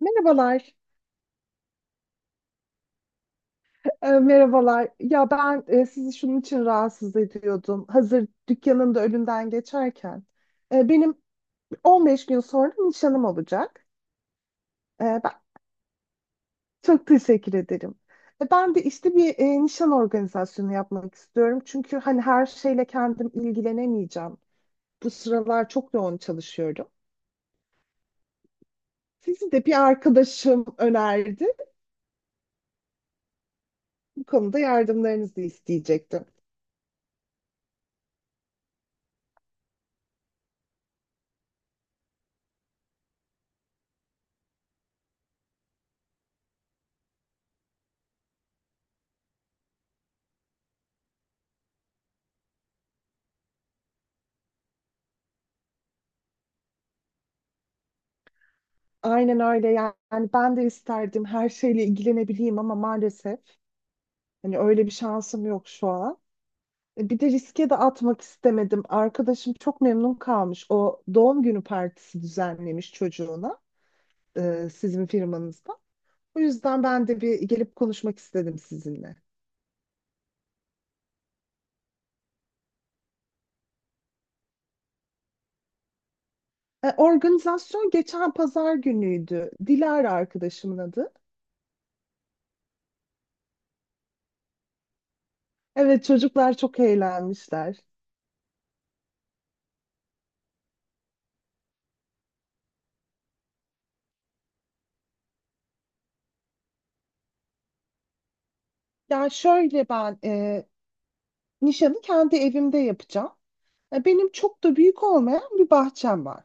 Merhabalar. Merhabalar. Ya ben sizi şunun için rahatsız ediyordum. Hazır dükkanın da önünden geçerken. Benim 15 gün sonra nişanım olacak. Ben çok teşekkür ederim. Ben de işte bir nişan organizasyonu yapmak istiyorum. Çünkü hani her şeyle kendim ilgilenemeyeceğim. Bu sıralar çok yoğun çalışıyorum. Sizi de bir arkadaşım önerdi. Bu konuda yardımlarınızı isteyecektim. Aynen öyle yani, ben de isterdim her şeyle ilgilenebileyim ama maalesef hani öyle bir şansım yok şu an. Bir de riske de atmak istemedim. Arkadaşım çok memnun kalmış. O doğum günü partisi düzenlemiş çocuğuna sizin firmanızda. O yüzden ben de bir gelip konuşmak istedim sizinle. Organizasyon geçen pazar günüydü. Dilara arkadaşımın adı. Evet, çocuklar çok eğlenmişler. Yani şöyle, ben nişanı kendi evimde yapacağım. Benim çok da büyük olmayan bir bahçem var.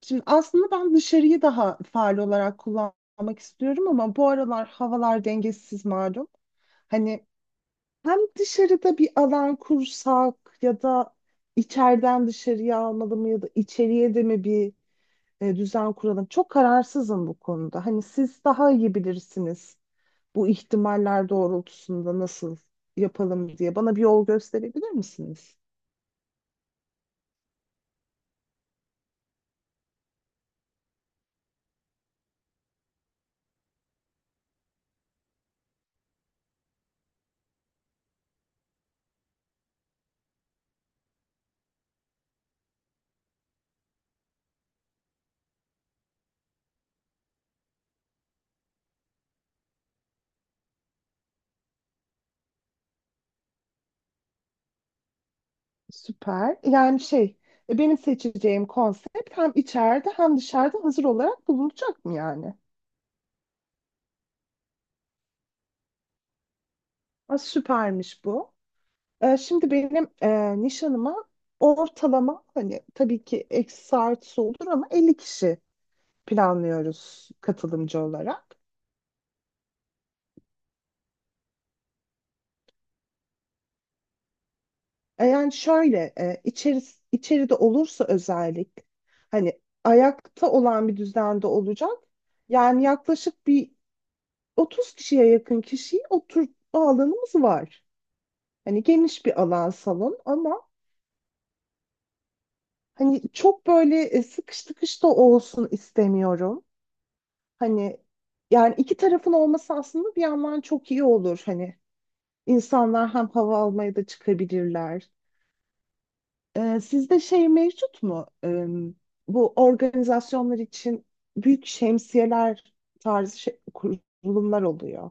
Şimdi aslında ben dışarıyı daha faal olarak kullanmak istiyorum ama bu aralar havalar dengesiz malum. Hani hem dışarıda bir alan kursak ya da içeriden dışarıya almalı mı ya da içeriye de mi bir düzen kuralım? Çok kararsızım bu konuda. Hani siz daha iyi bilirsiniz bu ihtimaller doğrultusunda nasıl yapalım diye. Bana bir yol gösterebilir misiniz? Süper. Yani şey, benim seçeceğim konsept hem içeride hem dışarıda hazır olarak bulunacak mı yani? Aa, süpermiş bu. Şimdi benim nişanıma ortalama, hani tabii ki eksi artısı olur ama, 50 kişi planlıyoruz katılımcı olarak. Yani şöyle, içeride olursa özellik hani ayakta olan bir düzende olacak. Yani yaklaşık bir 30 kişiye yakın kişiyi oturtma alanımız var. Hani geniş bir alan salon ama hani çok böyle sıkış tıkış da olsun istemiyorum. Hani yani iki tarafın olması aslında bir yandan çok iyi olur. Hani insanlar hem hava almaya da çıkabilirler. Sizde şey mevcut mu? Bu organizasyonlar için büyük şemsiyeler tarzı kurulumlar oluyor.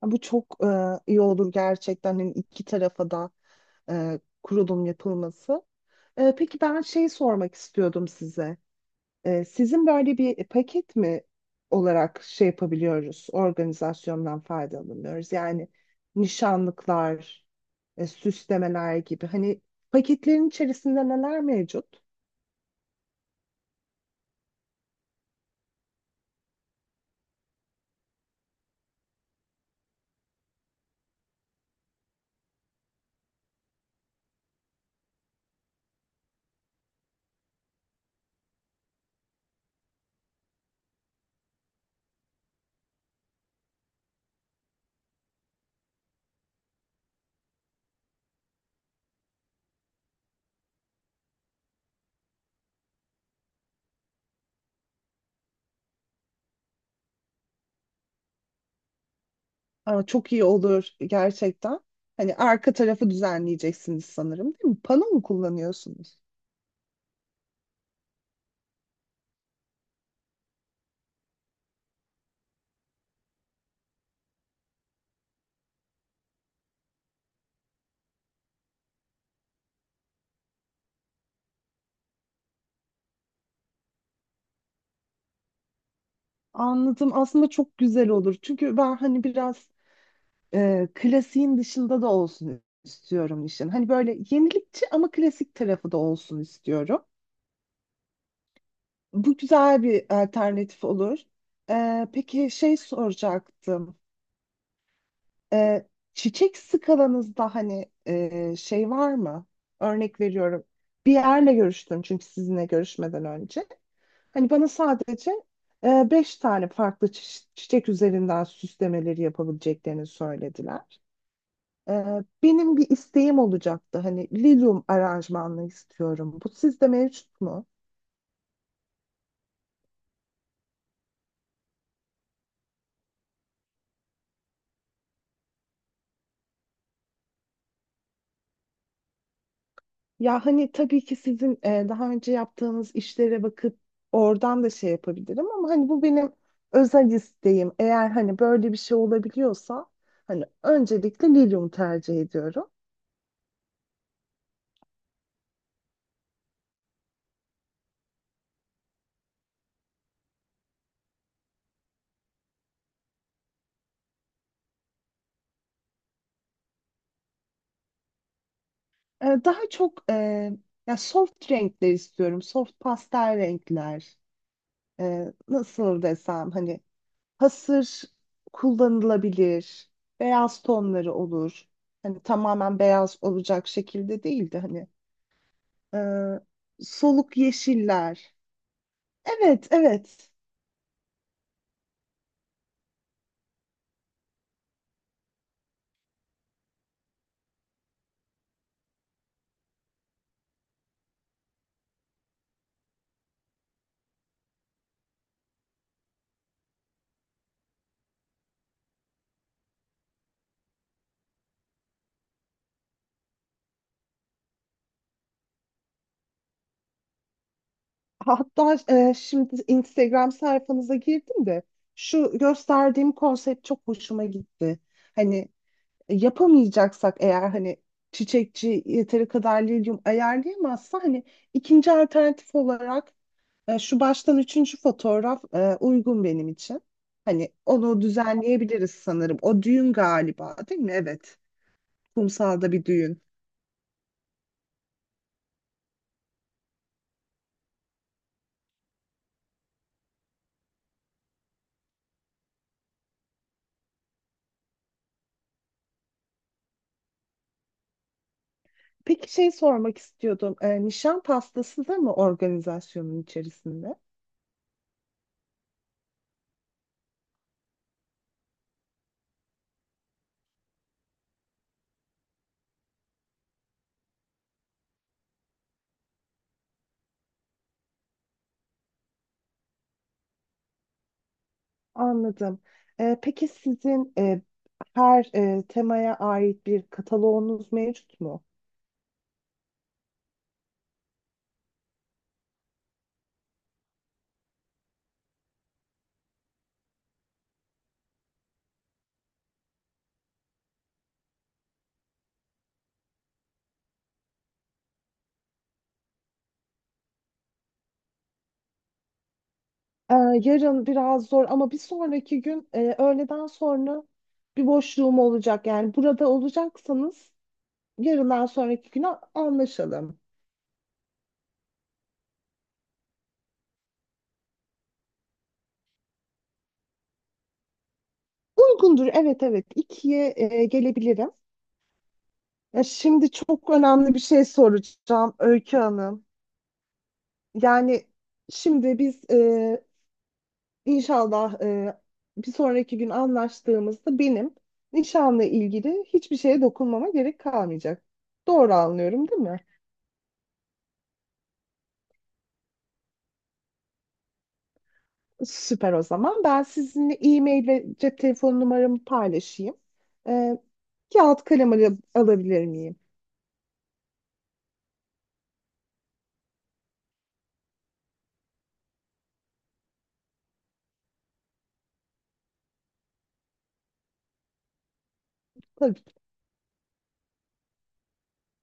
Ha, bu çok iyi olur gerçekten. Hani iki tarafa da kurulum yapılması. Peki, ben şeyi sormak istiyordum size. Sizin böyle bir paket mi olarak şey yapabiliyoruz, organizasyondan faydalanıyoruz? Yani nişanlıklar, süslemeler gibi. Hani paketlerin içerisinde neler mevcut? Aa, çok iyi olur gerçekten. Hani arka tarafı düzenleyeceksiniz sanırım, değil mi? Pano mu kullanıyorsunuz? Anladım. Aslında çok güzel olur. Çünkü ben hani biraz klasiğin dışında da olsun istiyorum işin. Hani böyle yenilikçi ama klasik tarafı da olsun istiyorum. Bu güzel bir alternatif olur. Peki, şey soracaktım. E, Çiçek skalanızda hani şey var mı? Örnek veriyorum. Bir yerle görüştüm çünkü sizinle görüşmeden önce. Hani bana sadece beş tane farklı çiçek üzerinden süslemeleri yapabileceklerini söylediler. Benim bir isteğim olacaktı. Hani lilyum aranjmanını istiyorum. Bu sizde mevcut mu? Ya hani tabii ki sizin daha önce yaptığınız işlere bakıp oradan da şey yapabilirim ama hani bu benim özel isteğim. Eğer hani böyle bir şey olabiliyorsa, hani öncelikle lilyum tercih ediyorum. Daha çok ya soft renkler istiyorum. Soft pastel renkler. Nasıl desem hani hasır kullanılabilir. Beyaz tonları olur. Hani tamamen beyaz olacak şekilde değil de hani soluk yeşiller. Evet, evet. Hatta şimdi Instagram sayfanıza girdim de şu gösterdiğim konsept çok hoşuma gitti. Hani, yapamayacaksak eğer, hani çiçekçi yeteri kadar lilyum ayarlayamazsa, hani ikinci alternatif olarak şu baştan üçüncü fotoğraf uygun benim için. Hani onu düzenleyebiliriz sanırım. O düğün galiba, değil mi? Evet. Kumsalda bir düğün. Peki, şey sormak istiyordum. Nişan pastası da mı organizasyonun içerisinde? Anladım. Peki sizin her temaya ait bir kataloğunuz mevcut mu? Ee, Yarın biraz zor ama bir sonraki gün öğleden sonra bir boşluğum olacak. Yani burada olacaksanız yarından sonraki güne anlaşalım. Uygundur. Evet, evet. 2'ye gelebilirim. Ya, şimdi çok önemli bir şey soracağım Öykü Hanım. Yani şimdi biz inşallah bir sonraki gün anlaştığımızda benim nişanla ilgili hiçbir şeye dokunmama gerek kalmayacak. Doğru anlıyorum, değil mi? Süper o zaman. Ben sizinle e-mail ve cep telefonu numaramı paylaşayım. E, Kağıt kalem alabilir miyim? Tabii.